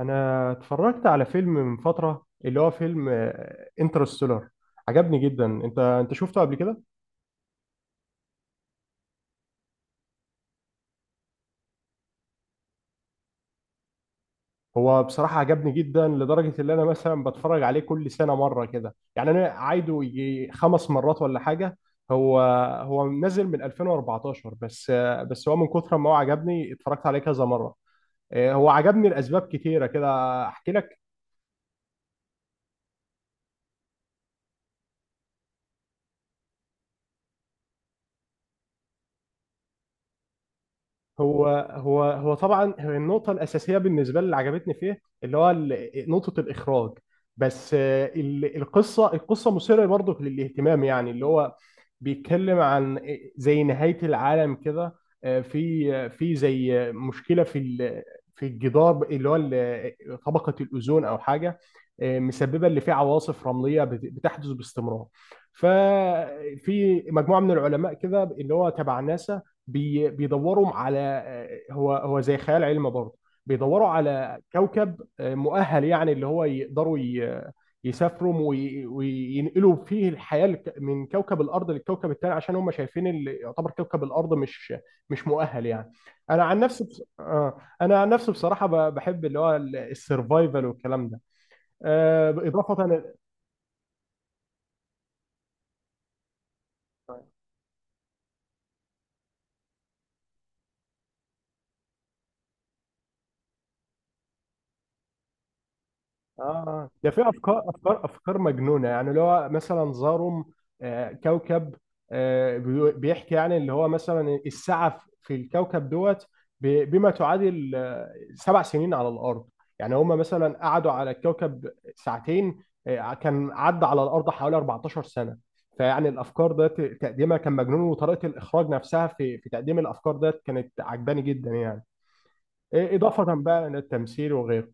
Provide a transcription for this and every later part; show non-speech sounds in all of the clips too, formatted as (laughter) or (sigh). انا اتفرجت على فيلم من فتره اللي هو فيلم انترستيلر عجبني جدا. انت شفته قبل كده؟ هو بصراحه عجبني جدا لدرجه ان انا مثلا بتفرج عليه كل سنه مره كده، يعني انا عايده يجي 5 مرات ولا حاجه. هو هو نزل من 2014، بس هو من كثر ما هو عجبني اتفرجت عليه كذا مره. هو عجبني لاسباب كتيره كده، احكي لك. هو طبعا هي النقطة الأساسية بالنسبة لي اللي عجبتني فيه، اللي هو نقطة الإخراج. بس القصة مثيرة برضه للاهتمام، يعني اللي هو بيتكلم عن زي نهاية العالم كده. في زي مشكلة في الجدار، اللي هو طبقة الأوزون أو حاجة، مسببة اللي فيه عواصف رملية بتحدث باستمرار. ففي مجموعة من العلماء كده اللي هو تبع ناسا، بيدوروا على. هو زي خيال علمي برضه. بيدوروا على كوكب مؤهل، يعني اللي هو يقدروا يسافروا وينقلوا فيه الحياة من كوكب الأرض للكوكب التاني، عشان هم شايفين اللي يعتبر كوكب الأرض مش مؤهل يعني. أنا عن نفسي بص... آه، أنا عن نفسي بصراحة بحب اللي هو السرفايفل والكلام ده، إضافة. اه ده في افكار مجنونه، يعني اللي هو مثلا زاروم كوكب، بيحكي يعني اللي هو مثلا الساعه في الكوكب دوت بما تعادل 7 سنين على الارض. يعني هم مثلا قعدوا على الكوكب ساعتين، كان عدى على الارض حوالي 14 سنه. فيعني الافكار ده تقديمها كان مجنون، وطريقه الاخراج نفسها في تقديم الافكار ده كانت عجباني جدا يعني. إيه، اضافه بقى للتمثيل وغيره.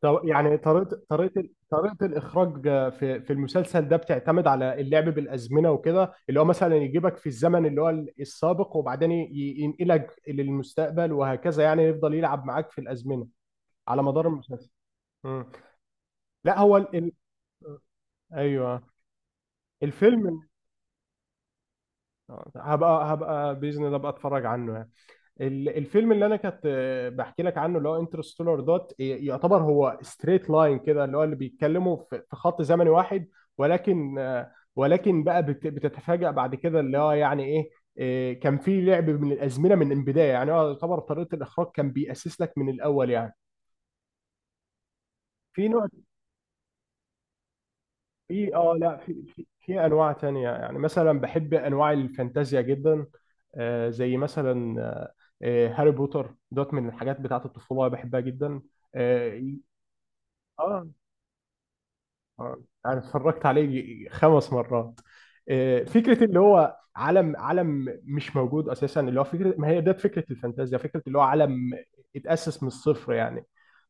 طب يعني طريقة الإخراج في المسلسل ده بتعتمد على اللعب بالأزمنة وكده، اللي هو مثلا يجيبك في الزمن اللي هو السابق، وبعدين ينقلك للمستقبل، وهكذا يعني، يفضل يلعب معاك في الأزمنة على مدار المسلسل. مم. لا هو أيوه. الفيلم هبقى بإذن الله أبقى أتفرج عنه يعني. الفيلم اللي انا كنت بحكي لك عنه، اللي هو انترستولار دوت يعتبر هو ستريت لاين كده، اللي هو اللي بيتكلموا في خط زمني واحد، ولكن بقى بتتفاجأ بعد كده اللي هو يعني ايه. كان في لعب من الازمنه من البدايه، يعني هو يعتبر طريقه الاخراج كان بيأسس لك من الاول يعني. في نوع، في اه لا، في في انواع تانية يعني، مثلا بحب انواع الفانتازيا جدا. زي مثلا هاري بوتر دوت، من الحاجات بتاعت الطفولة بحبها جدا. اه. اه. انا اتفرجت عليه 5 مرات. فكرة اللي هو عالم مش موجود اساسا، اللي هو فكرة ما هي ديت فكرة الفانتازيا، فكرة اللي هو عالم اتأسس من الصفر يعني.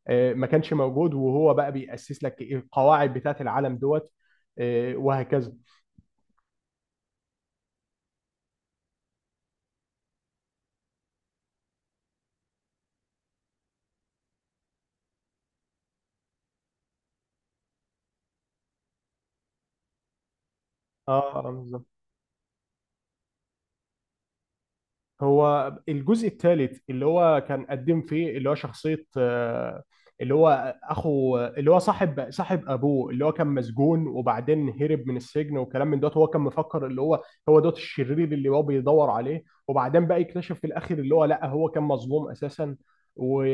ما كانش موجود، وهو بقى بيأسس لك القواعد بتاعت العالم دوت، وهكذا. اه رمز. هو الجزء الثالث اللي هو كان قدم فيه اللي هو شخصية اللي هو أخو اللي هو صاحب أبوه، اللي هو كان مسجون وبعدين هرب من السجن وكلام من دوت. هو كان مفكر اللي هو هو دوت الشرير اللي هو بيدور عليه، وبعدين بقى يكتشف في الآخر اللي هو لا هو كان مظلوم أساسا. و...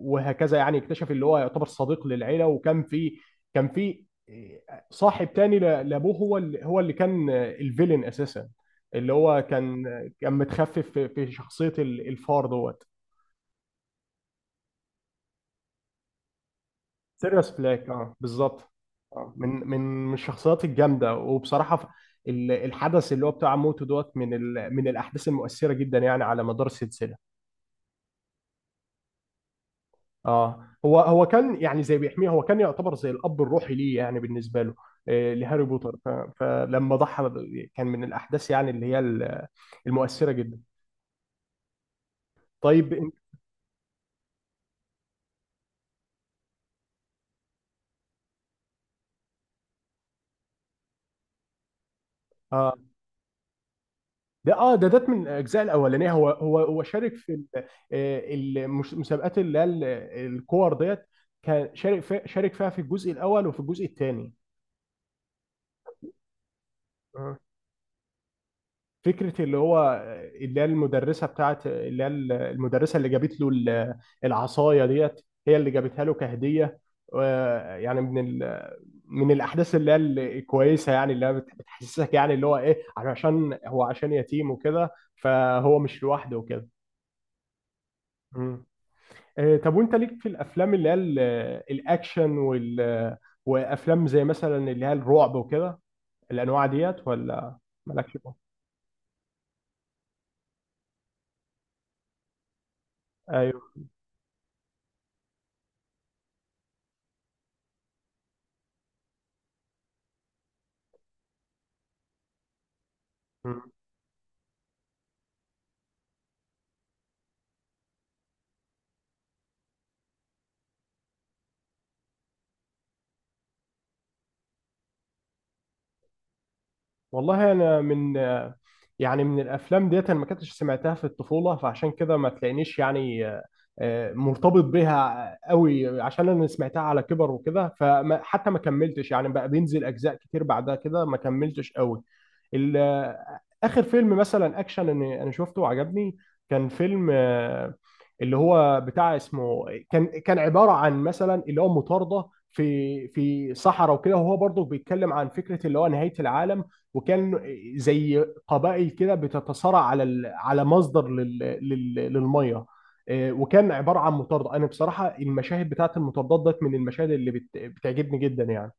وهكذا يعني، اكتشف اللي هو يعتبر صديق للعيلة. وكان في كان في صاحب تاني لأبوه، هو اللي هو اللي كان الفيلن أساسا، اللي هو كان متخفف في شخصية الفار دوت. سيريوس بلاك اه بالظبط. من الشخصيات الجامدة، وبصراحة الحدث اللي هو بتاع موته دوت، من من الأحداث المؤثرة جدا يعني على مدار السلسلة. اه. هو كان يعني زي بيحميه، هو كان يعتبر زي الأب الروحي ليه، يعني بالنسبة له لهاري بوتر فلما ضحى كان من الأحداث يعني اللي هي المؤثرة جدا. طيب اه ده. ده من الاجزاء الاولانيه، هو شارك في المسابقات اللي هي الكور ديت، كان شارك فيها في الجزء الاول وفي الجزء الثاني. اه فكره اللي هو اللي هي المدرسه بتاعت اللي هي المدرسه اللي جابت له العصايه ديت، هي اللي جابتها له كهديه. يعني من من الاحداث اللي هي الكويسه، يعني اللي هي بتحسسك يعني اللي هو ايه، عشان هو عشان يتيم وكده فهو مش لوحده وكده. طب وانت ليك في الافلام اللي هي الاكشن، وافلام زي مثلا اللي هي الرعب وكده، الانواع ديت ولا مالكش فيها؟ ايوه. والله انا من، يعني من الافلام ديت انا ما كنتش سمعتها في الطفوله، فعشان كده ما تلاقينيش يعني مرتبط بيها قوي، عشان انا سمعتها على كبر وكده، فحتى ما كملتش يعني، بقى بينزل اجزاء كتير بعدها كده ما كملتش قوي. اخر فيلم مثلا اكشن أنا شفته وعجبني، كان فيلم اللي هو بتاع اسمه. كان عباره عن مثلا اللي هو مطارده في صحراء وكده، وهو برضه بيتكلم عن فكره اللي هو نهايه العالم، وكان زي قبائل كده بتتصارع على مصدر للميه. وكان عباره عن مطارده، انا بصراحه المشاهد بتاعت المطاردات ديت من المشاهد اللي بتعجبني جدا يعني.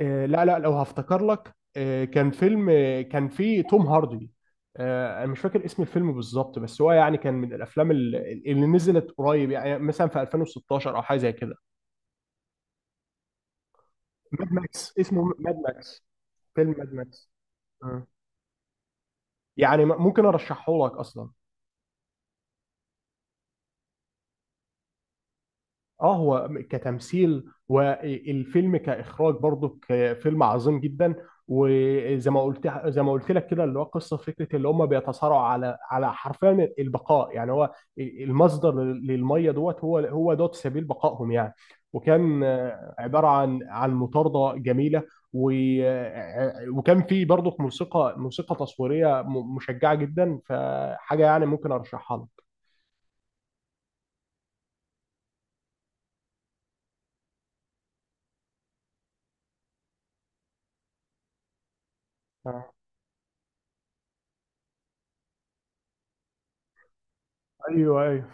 لا لا، لو هفتكر لك. كان فيلم كان فيه توم هاردي. انا مش فاكر اسم الفيلم بالظبط، بس هو يعني كان من الافلام اللي نزلت قريب يعني مثلا في 2016 او حاجه زي كده. ماد ماكس، اسمه ماد ماكس، فيلم ماد ماكس. آه. يعني ممكن ارشحه لك اصلا. اه هو كتمثيل والفيلم كاخراج برضو فيلم عظيم جدا، وزي ما قلت لك كده، اللي هو قصه فكره اللي هم بيتصارعوا على حرفيا البقاء يعني، هو المصدر للميه دوت، هو هو دوت سبيل بقائهم يعني. وكان عباره عن مطارده جميله. و- وكان في برضو موسيقى تصويريه مشجعه جدا، فحاجه يعني ممكن ارشحها لك. آه، ايوه ايوه.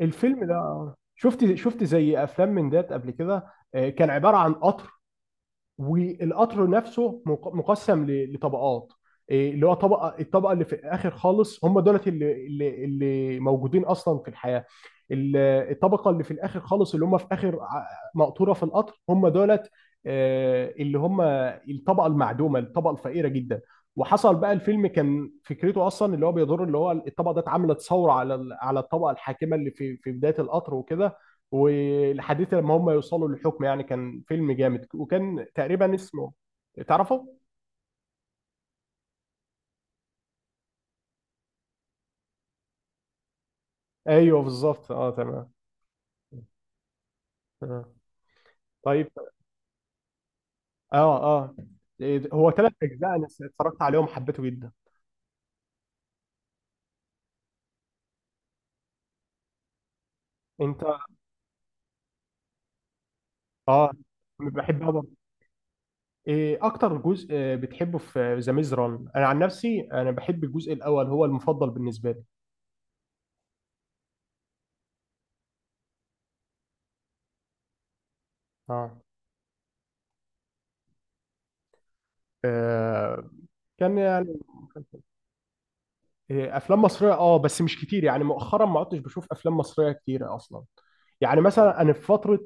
الفيلم ده شفت زي افلام من ديت قبل كده. كان عباره عن قطر، والقطر نفسه مقسم لطبقات. إيه، اللي هو طبقه، الطبقه اللي في الاخر خالص هم دولت، اللي موجودين اصلا في الحياه. ال- الطبقه اللي في الاخر خالص، اللي هم في اخر مقطوره في القطر، هم دولت اللي هم الطبقه المعدومه، الطبقه الفقيره جدا. وحصل بقى الفيلم، كان فكرته اصلا اللي هو بيدور، اللي هو الطبقه دي اتعملت ثوره على الطبقه الحاكمه اللي في بدايه القطر وكده، والحديث لما هم يوصلوا للحكم يعني، كان فيلم جامد، وكان تقريبا اسمه. تعرفه؟ ايوه بالظبط اه تمام. آه. طيب. اه. اه. إيه، هو 3 اجزاء انا اتفرجت عليهم حبيته جدا. انت اه بحب أبر. ايه اكتر جزء بتحبه في ذا ميز ران؟ انا عن نفسي انا بحب الجزء الاول، هو المفضل بالنسبه لي. اه. آه، كان يعني. إيه، افلام مصريه اه، بس مش كتير يعني، مؤخرا ما عدتش بشوف افلام مصريه كتير اصلا. يعني مثلا انا في فتره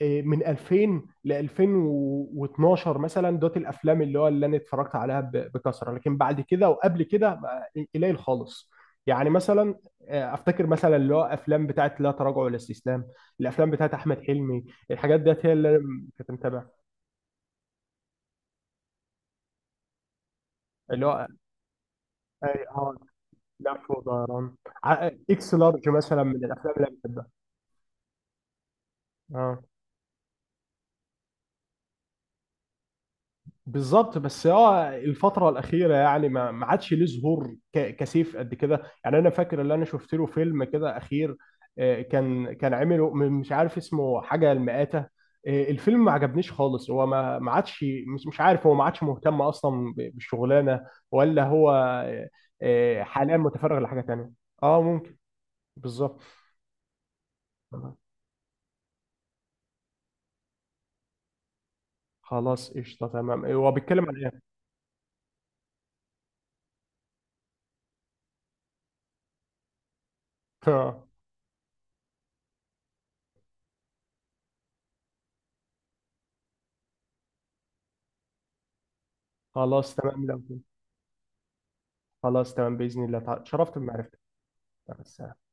إيه، من 2000 ل 2012 مثلا دوت الافلام اللي هو اللي انا اتفرجت عليها بكثره، لكن بعد كده وقبل كده قليل خالص يعني. مثلا افتكر مثلا اللي هو افلام بتاعت لا تراجع ولا استسلام، الافلام بتاعت احمد حلمي، الحاجات ديت هي اللي انا كنت متابع. اللي هو اه. آه، لف ودوران اكس لارج مثلا من الافلام اللي انا بحبها. آه. بالظبط بس اه الفترة الأخيرة يعني ما عادش ليه ظهور كسيف قد كده يعني. أنا فاكر اللي أنا شفت له فيلم كده أخير كان عمله مش عارف اسمه، حاجة المئات. الفيلم ما عجبنيش خالص، هو ما عادش، مش عارف، هو ما عادش مهتم أصلا بالشغلانة، ولا هو حاليا متفرغ لحاجة تانية. اه ممكن. بالظبط. خلاص قشطة تمام، هو بيتكلم عن ايه؟ (laughs) خلاص تمام لو كده. خلاص تمام بإذن الله تعالى. اتشرفت بمعرفتك. مع السلامة.